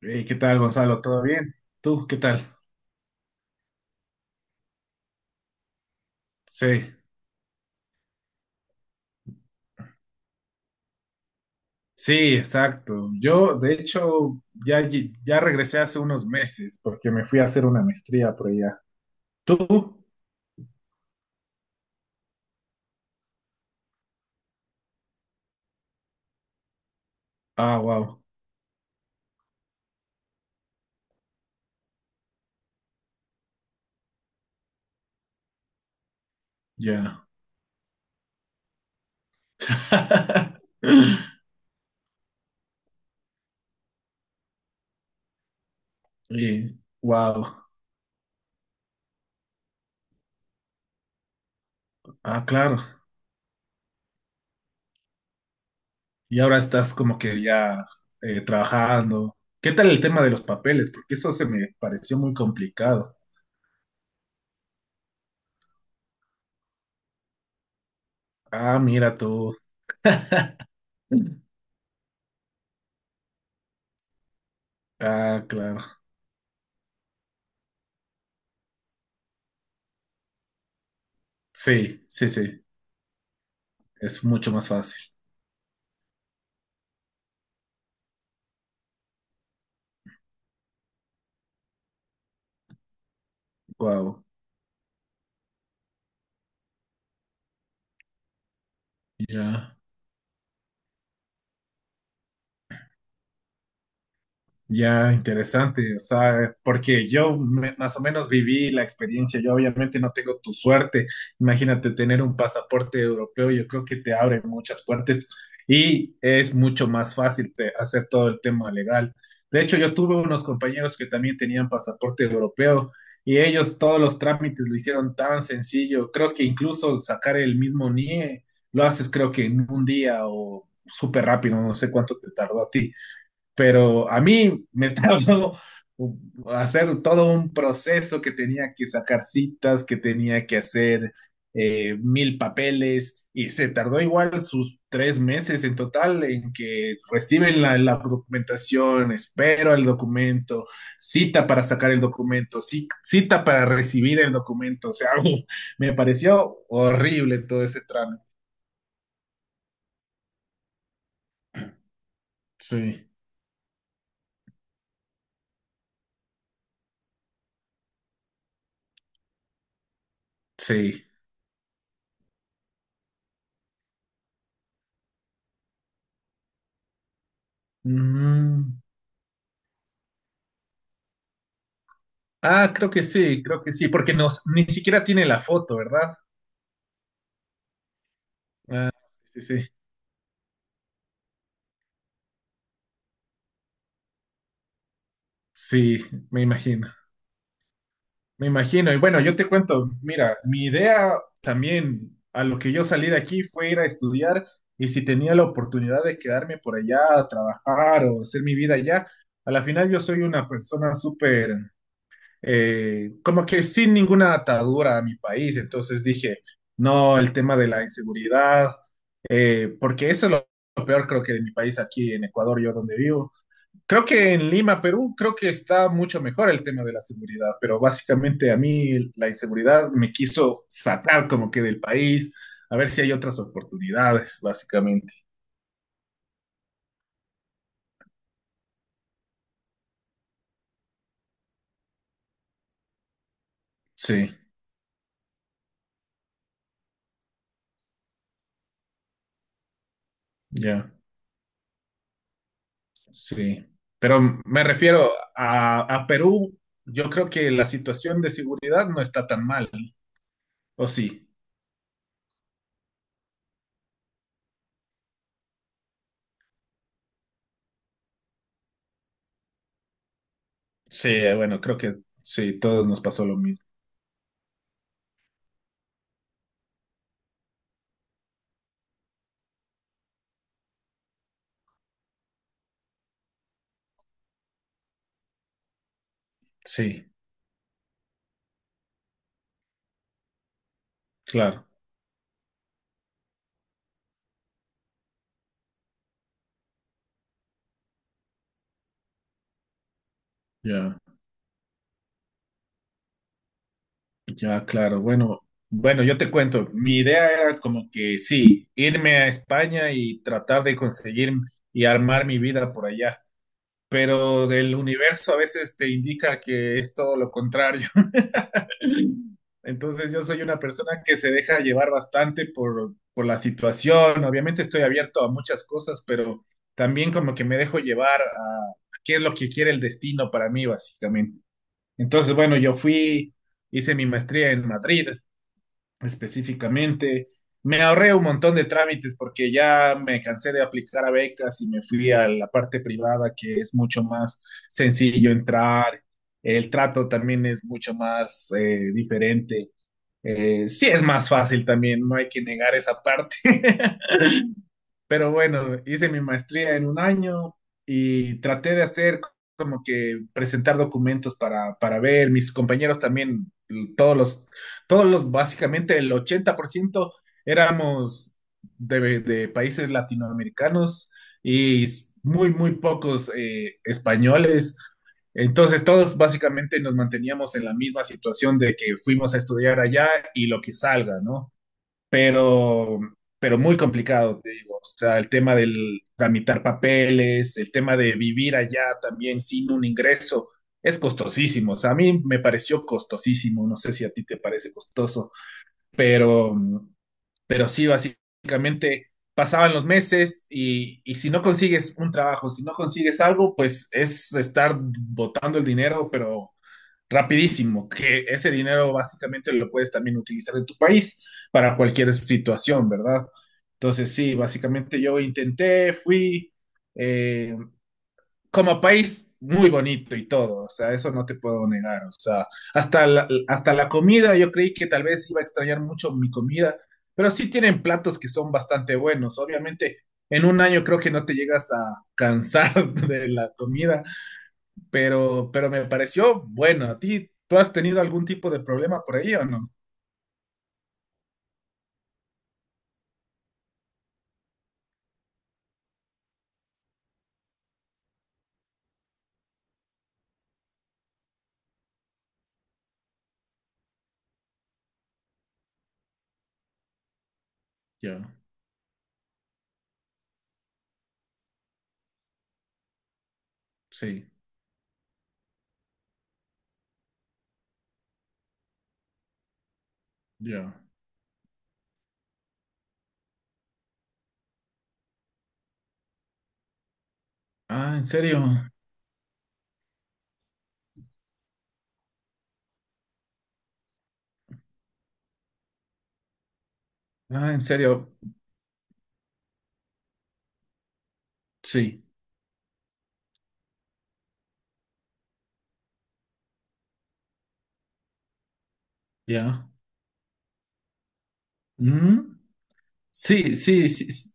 Hey, ¿qué tal, Gonzalo? ¿Todo bien? ¿Tú qué tal? Sí, sí, exacto. Yo, de hecho, ya, ya regresé hace unos meses porque me fui a hacer una maestría por allá. ¿Tú? Ah, wow, ya. Y, wow, ah, claro. Y ahora estás como que ya trabajando. ¿Qué tal el tema de los papeles? Porque eso se me pareció muy complicado. Ah, mira tú. Ah, claro. Sí, sí, sí. Es mucho más fácil. Wow, ya, ya interesante, o sea, porque más o menos viví la experiencia, yo obviamente no tengo tu suerte, imagínate tener un pasaporte europeo, yo creo que te abre muchas puertas y es mucho más fácil hacer todo el tema legal. De hecho, yo tuve unos compañeros que también tenían pasaporte europeo y ellos todos los trámites lo hicieron tan sencillo, creo que incluso sacar el mismo NIE lo haces creo que en un día o súper rápido, no sé cuánto te tardó a ti. Pero a mí me tardó hacer todo un proceso que tenía que sacar citas, que tenía que hacer mil papeles y se tardó igual sus tres meses en total en que reciben la documentación, espero el documento, cita para sacar el documento, cita para recibir el documento, o sea, me pareció horrible todo ese trámite. Sí, sí. Ah, creo que sí, porque nos, ni siquiera tiene la foto, ¿verdad? Ah, sí, sí, sí, sí, me imagino, me imagino. Y bueno, yo te cuento, mira, mi idea también a lo que yo salí de aquí fue ir a estudiar y si tenía la oportunidad de quedarme por allá a trabajar o hacer mi vida allá, a la final yo soy una persona súper como que sin ninguna atadura a mi país. Entonces dije, no, el tema de la inseguridad, porque eso es lo peor creo que de mi país aquí en Ecuador, yo donde vivo. Creo que en Lima, Perú, creo que está mucho mejor el tema de la seguridad, pero básicamente a mí la inseguridad me quiso sacar como que del país, a ver si hay otras oportunidades, básicamente. Sí, ya. Sí, pero me refiero a Perú, yo creo que la situación de seguridad no está tan mal, ¿o sí? Sí, bueno, creo que sí, todos nos pasó lo mismo. Sí, claro, ya, ya, claro. Bueno, bueno, yo te cuento, mi idea era como que sí, irme a España y tratar de conseguir y armar mi vida por allá. Pero del universo a veces te indica que es todo lo contrario. Entonces yo soy una persona que se deja llevar bastante por la situación. Obviamente estoy abierto a muchas cosas, pero también como que me dejo llevar a qué es lo que quiere el destino para mí, básicamente. Entonces, bueno, yo fui, hice mi maestría en Madrid específicamente. Me ahorré un montón de trámites porque ya me cansé de aplicar a becas y me fui a la parte privada que es mucho más sencillo entrar. El trato también es mucho más diferente. Sí es más fácil también, no hay que negar esa parte. Pero bueno, hice mi maestría en un año y traté de hacer como que presentar documentos para ver. Mis compañeros también, todos los, todos los, básicamente el 80% éramos de países latinoamericanos y muy, muy pocos españoles. Entonces todos básicamente nos manteníamos en la misma situación de que fuimos a estudiar allá y lo que salga, ¿no? pero, pero muy complicado, te digo. O sea, el tema del tramitar papeles, el tema de vivir allá también sin un ingreso, es costosísimo. O sea, a mí me pareció costosísimo, no sé si a ti te parece costoso, pero, pero sí, básicamente pasaban los meses y si no consigues un trabajo, si no consigues algo, pues es estar botando el dinero, pero rapidísimo, que ese dinero básicamente lo puedes también utilizar en tu país para cualquier situación, ¿verdad? Entonces, sí, básicamente yo intenté, fui, eh, como país muy bonito y todo, o sea, eso no te puedo negar, o sea, hasta la comida, yo creí que tal vez iba a extrañar mucho mi comida, pero sí tienen platos que son bastante buenos, obviamente en un año creo que no te llegas a cansar de la comida, pero me pareció bueno. ¿A ti, tú has tenido algún tipo de problema por ahí o no? Ya, sí, ya. Ah, ¿en serio? Ah, ¿en serio? Sí, ya. ¿Mm? Sí, sí, sí.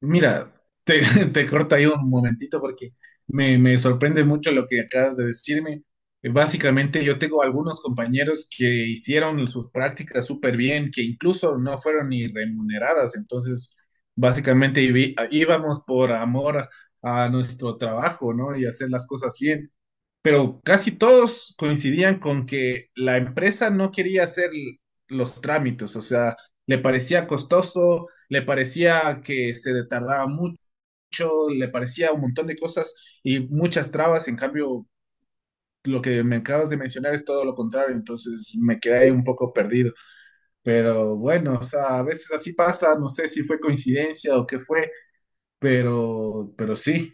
Mira, te, te corto ahí un momentito porque me sorprende mucho lo que acabas de decirme. Básicamente, yo tengo algunos compañeros que hicieron sus prácticas súper bien, que incluso no fueron ni remuneradas. Entonces, básicamente íbamos por amor a nuestro trabajo, ¿no? Y hacer las cosas bien pero casi todos coincidían con que la empresa no quería hacer los trámites, o sea, le parecía costoso, le parecía que se tardaba mucho, le parecía un montón de cosas y muchas trabas, en cambio, lo que me acabas de mencionar es todo lo contrario, entonces me quedé ahí un poco perdido, pero bueno, o sea, a veces así pasa, no sé si fue coincidencia o qué fue, pero sí,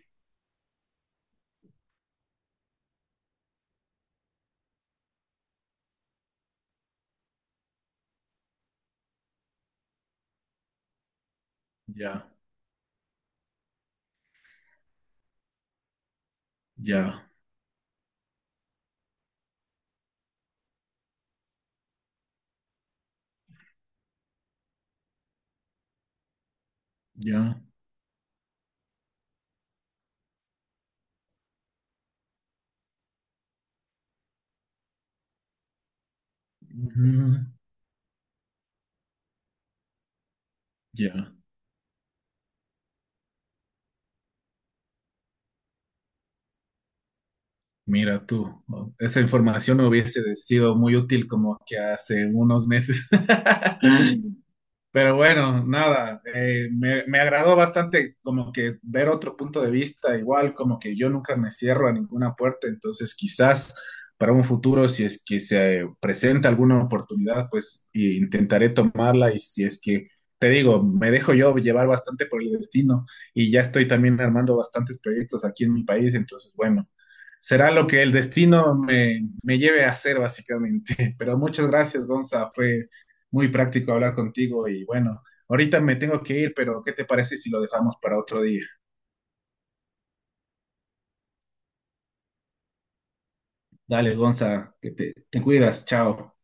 ya, ya, ya, ujú, ya. Mira tú, ¿no? Esa información me hubiese sido muy útil como que hace unos meses. Pero bueno, nada, me agradó bastante como que ver otro punto de vista, igual como que yo nunca me cierro a ninguna puerta, entonces quizás para un futuro, si es que se presenta alguna oportunidad, pues y intentaré tomarla y si es que, te digo, me dejo yo llevar bastante por el destino y ya estoy también armando bastantes proyectos aquí en mi país, entonces bueno, será lo que el destino me lleve a hacer básicamente. Pero muchas gracias, Gonza, fue muy práctico hablar contigo y bueno, ahorita me tengo que ir, pero ¿qué te parece si lo dejamos para otro día? Dale, Gonza, que te cuidas, chao.